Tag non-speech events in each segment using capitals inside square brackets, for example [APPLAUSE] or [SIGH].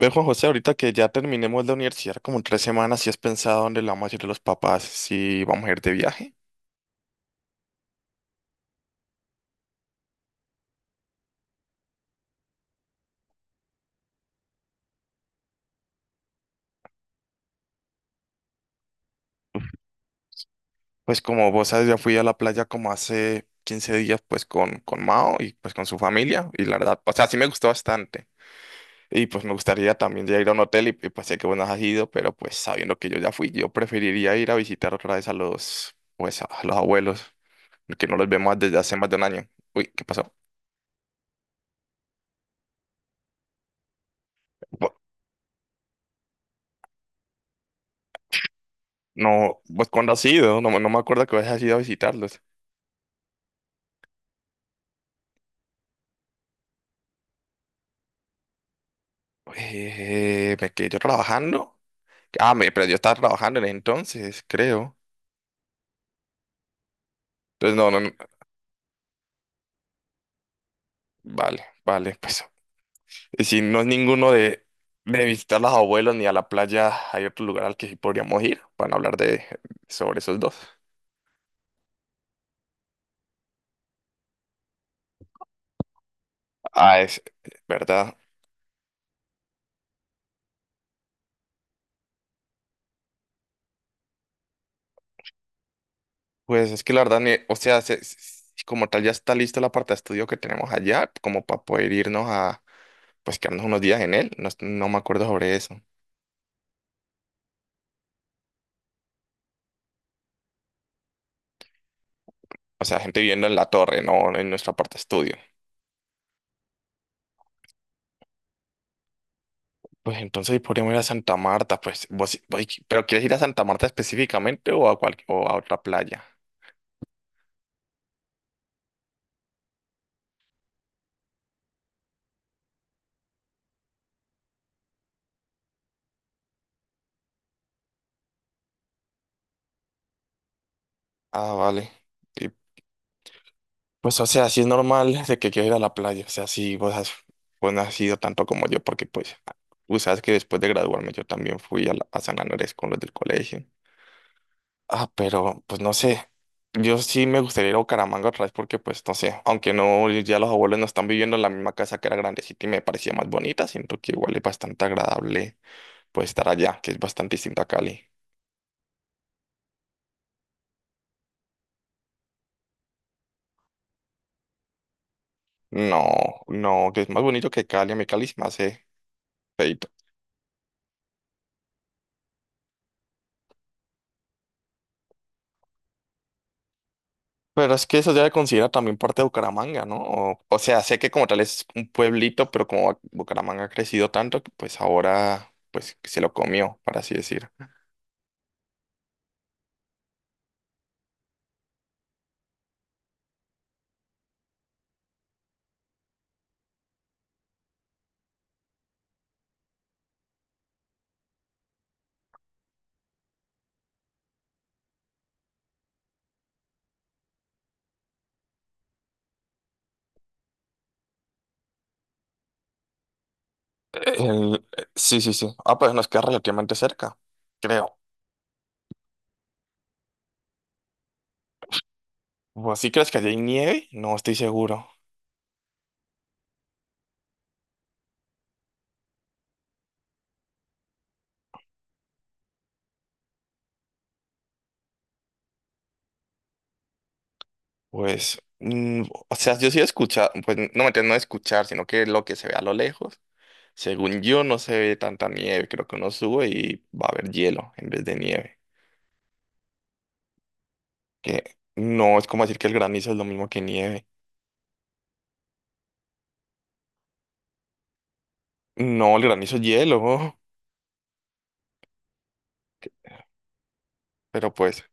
Ve, Juan José, ahorita que ya terminemos la universidad, como en 3 semanas, si has pensado dónde le vamos a ir a los papás, si vamos a ir de viaje. Pues como vos sabes, ya fui a la playa como hace 15 días, pues con Mao y pues con su familia, y la verdad, o sea, sí me gustó bastante. Y pues me gustaría también ya ir a un hotel, pues sé que vos no has ido, pero pues sabiendo que yo ya fui, yo preferiría ir a visitar otra vez a los, pues a los abuelos, que no los vemos desde hace más de un año. Uy, ¿qué pasó? Vo- No, pues cuando has ido, no, no me acuerdo que vos has ido a visitarlos. Me quedé yo trabajando. Ah, pero yo estaba trabajando en ese entonces, creo. Entonces, no, no, no. Vale, vale, pues. Y si no es ninguno de visitar a los abuelos ni a la playa, hay otro lugar al que sí podríamos ir para no hablar de, sobre esos dos. Ah, es verdad. Pues es que la verdad, o sea, como tal ya está lista la parte de estudio que tenemos allá, como para poder irnos a, pues quedarnos unos días en él. No, no me acuerdo sobre eso. O sea, gente viviendo en la torre, no en nuestra parte de estudio. Pues entonces podríamos ir a Santa Marta, pues vos, sí, pero ¿quieres ir a Santa Marta específicamente o a cual, o a otra playa? Ah, vale. Y, pues o sea, sí es normal de que quieras ir a la playa, o sea, vos no has ido tanto como yo, porque pues tú sabes que después de graduarme yo también fui a, a San Andrés con los del colegio. Ah, pero pues no sé, yo sí me gustaría ir a Bucaramanga otra vez porque pues no sé, aunque no, ya los abuelos no están viviendo en la misma casa que era grandecita y me parecía más bonita, siento que igual es bastante agradable. Pues estar allá, que es bastante distinto a Cali. No, no, que es más bonito que Cali. A mí Cali es más hace feíto. Pero es que eso ya se considera también parte de Bucaramanga, ¿no? O sea, sé que como tal es un pueblito, pero como Bucaramanga ha crecido tanto, que pues ahora pues se lo comió, por así decir. Sí, sí, sí. Ah, pues nos queda relativamente cerca, creo. ¿O ¿Así crees que allí hay nieve? No estoy seguro. Pues, o sea, yo sí he escuchado, pues no escuchar, sino que lo que se ve a lo lejos, según yo no se ve tanta nieve, creo que uno sube y va a haber hielo en vez de nieve, que no es como decir que el granizo es lo mismo que nieve, no, el granizo es hielo, [LAUGHS] pero pues,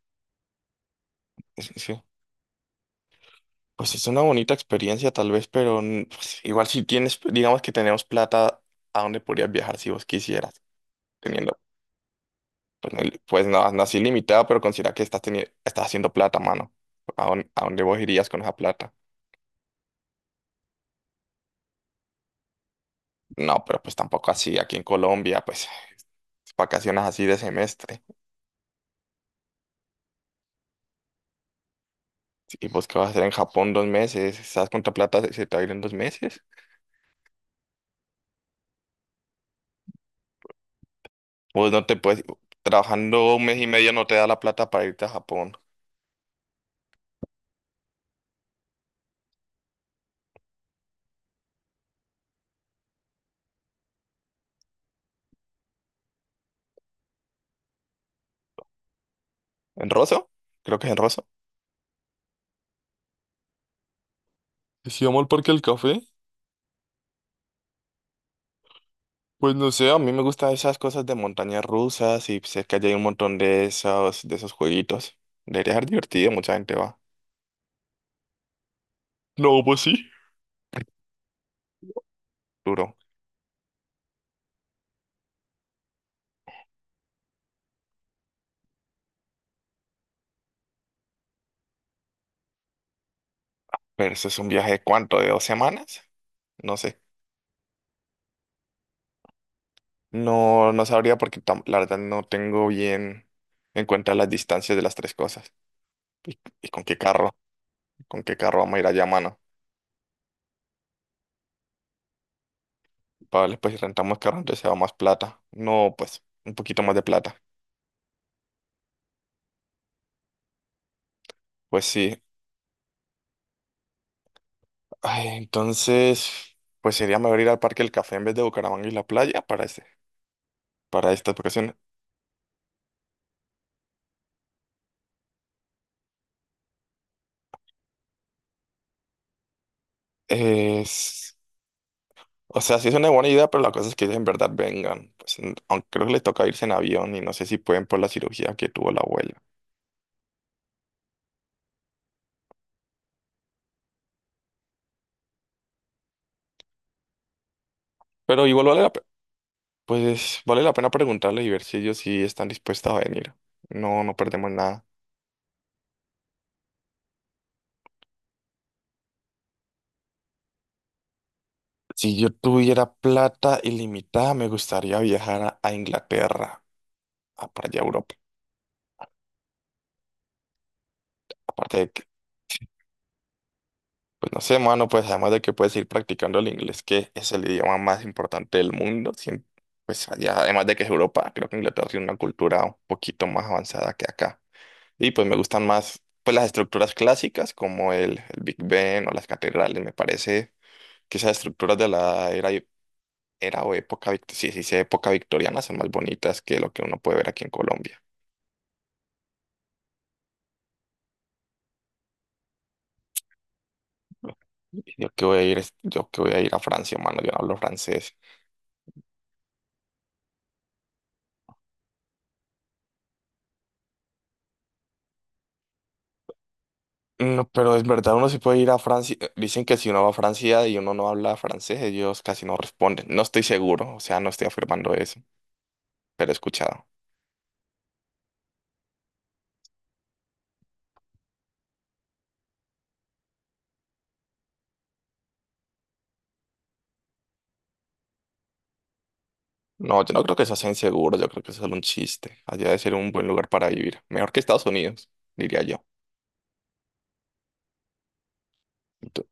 sí, pues es una bonita experiencia tal vez, pero pues, igual si tienes, digamos que tenemos plata, ¿a dónde podrías viajar si vos quisieras? Teniendo Pues, no, pues no, no así limitado, pero considera que estás, estás haciendo plata, mano. A dónde vos irías con esa plata? No, pero pues tampoco así. Aquí en Colombia, pues vacaciones así de semestre. Sí, ¿y vos qué vas a hacer en Japón 2 meses? ¿Sabes cuánta plata se te va a ir en 2 meses? Vos no te puedes... Trabajando un mes y medio no te da la plata para irte a Japón. ¿En Rosso? Creo que es en Rosso. Si vamos al Parque del Café. Pues no sé, a mí me gustan esas cosas de montañas rusas y cerca ya hay un montón de esos jueguitos. Debería ser divertido, mucha gente va. No, pues sí. Duro. Pero eso es un viaje de cuánto, ¿de 2 semanas? No sé. No, no sabría porque la verdad no tengo bien en cuenta las distancias de las tres cosas. ¿Y con qué carro? ¿Con qué carro vamos a ir allá, mano? Vale, pues si rentamos carro, entonces se va más plata. No, pues un poquito más de plata. Pues sí. Ay, entonces, pues sería mejor ir al Parque del Café en vez de Bucaramanga y la playa para este, para estas vacaciones. Es O sea, sí es una buena idea, pero la cosa es que ellos en verdad vengan. Pues, aunque creo que les toca irse en avión y no sé si pueden por la cirugía que tuvo la abuela. Pero igual vale la, pues, vale la pena preguntarles y ver si ellos sí están dispuestos a venir. No, no perdemos nada. Si yo tuviera plata ilimitada, me gustaría viajar a Inglaterra, a, para allá a Europa. Aparte de que [LAUGHS] pues no sé, mano, pues además de que puedes ir practicando el inglés, que es el idioma más importante del mundo, pues allá, además de que es Europa, creo que Inglaterra tiene una cultura un poquito más avanzada que acá. Y pues me gustan más pues las estructuras clásicas como el Big Ben o las catedrales, me parece que esas estructuras de la era, era o época, sí, sí, sí, época victoriana son más bonitas que lo que uno puede ver aquí en Colombia. Yo que voy a ir, yo que voy a ir a Francia, mano, yo no hablo francés. No, pero es verdad, uno sí puede ir a Francia. Dicen que si uno va a Francia y uno no habla francés, ellos casi no responden. No estoy seguro, o sea, no estoy afirmando eso, pero he escuchado. No, yo no creo que eso sea inseguro, yo creo que es solo un chiste. Allá debe ser un buen lugar para vivir. Mejor que Estados Unidos, diría yo. Ento-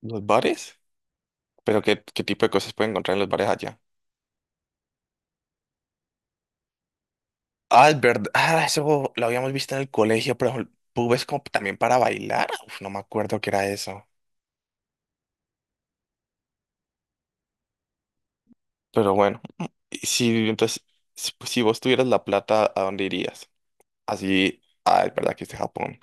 ¿Los bares? ¿Pero qué, qué tipo de cosas pueden encontrar en los bares allá? Ah, es verdad. Ah, eso lo habíamos visto en el colegio, pero pubes como también para bailar. Uf, no me acuerdo qué era eso. Pero bueno, y si entonces, si, pues, si vos tuvieras la plata, ¿a dónde irías? Así, ah, es verdad que es de Japón.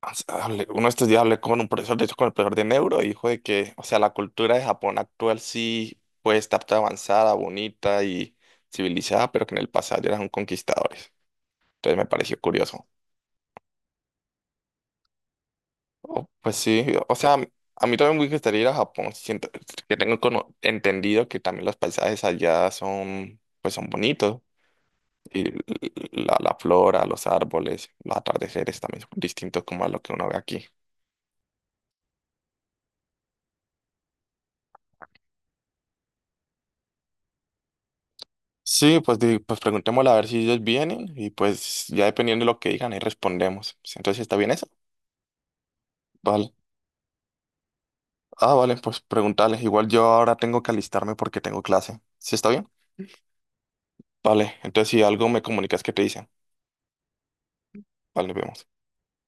O sea, uno de estos días hablé con un profesor, de hecho con el profesor de neuro, y dijo de que, o sea, la cultura de Japón actual sí puede estar tan avanzada, bonita y civilizada, pero que en el pasado eran conquistadores. Entonces me pareció curioso. Oh, pues sí, o sea, a mí también me gustaría ir a Japón. Siento que tengo entendido que también los paisajes allá son, pues son bonitos. Y la flora, los árboles, los atardeceres también son distintos como a lo que uno ve aquí. Sí, pues, pues preguntémosle a ver si ellos vienen y pues ya dependiendo de lo que digan ahí respondemos. Sí, entonces, ¿está bien eso? Vale. Ah, vale, pues preguntarles. Igual yo ahora tengo que alistarme porque tengo clase. ¿Sí está bien? Vale, entonces si algo me comunicas que te dicen. Vale, nos vemos.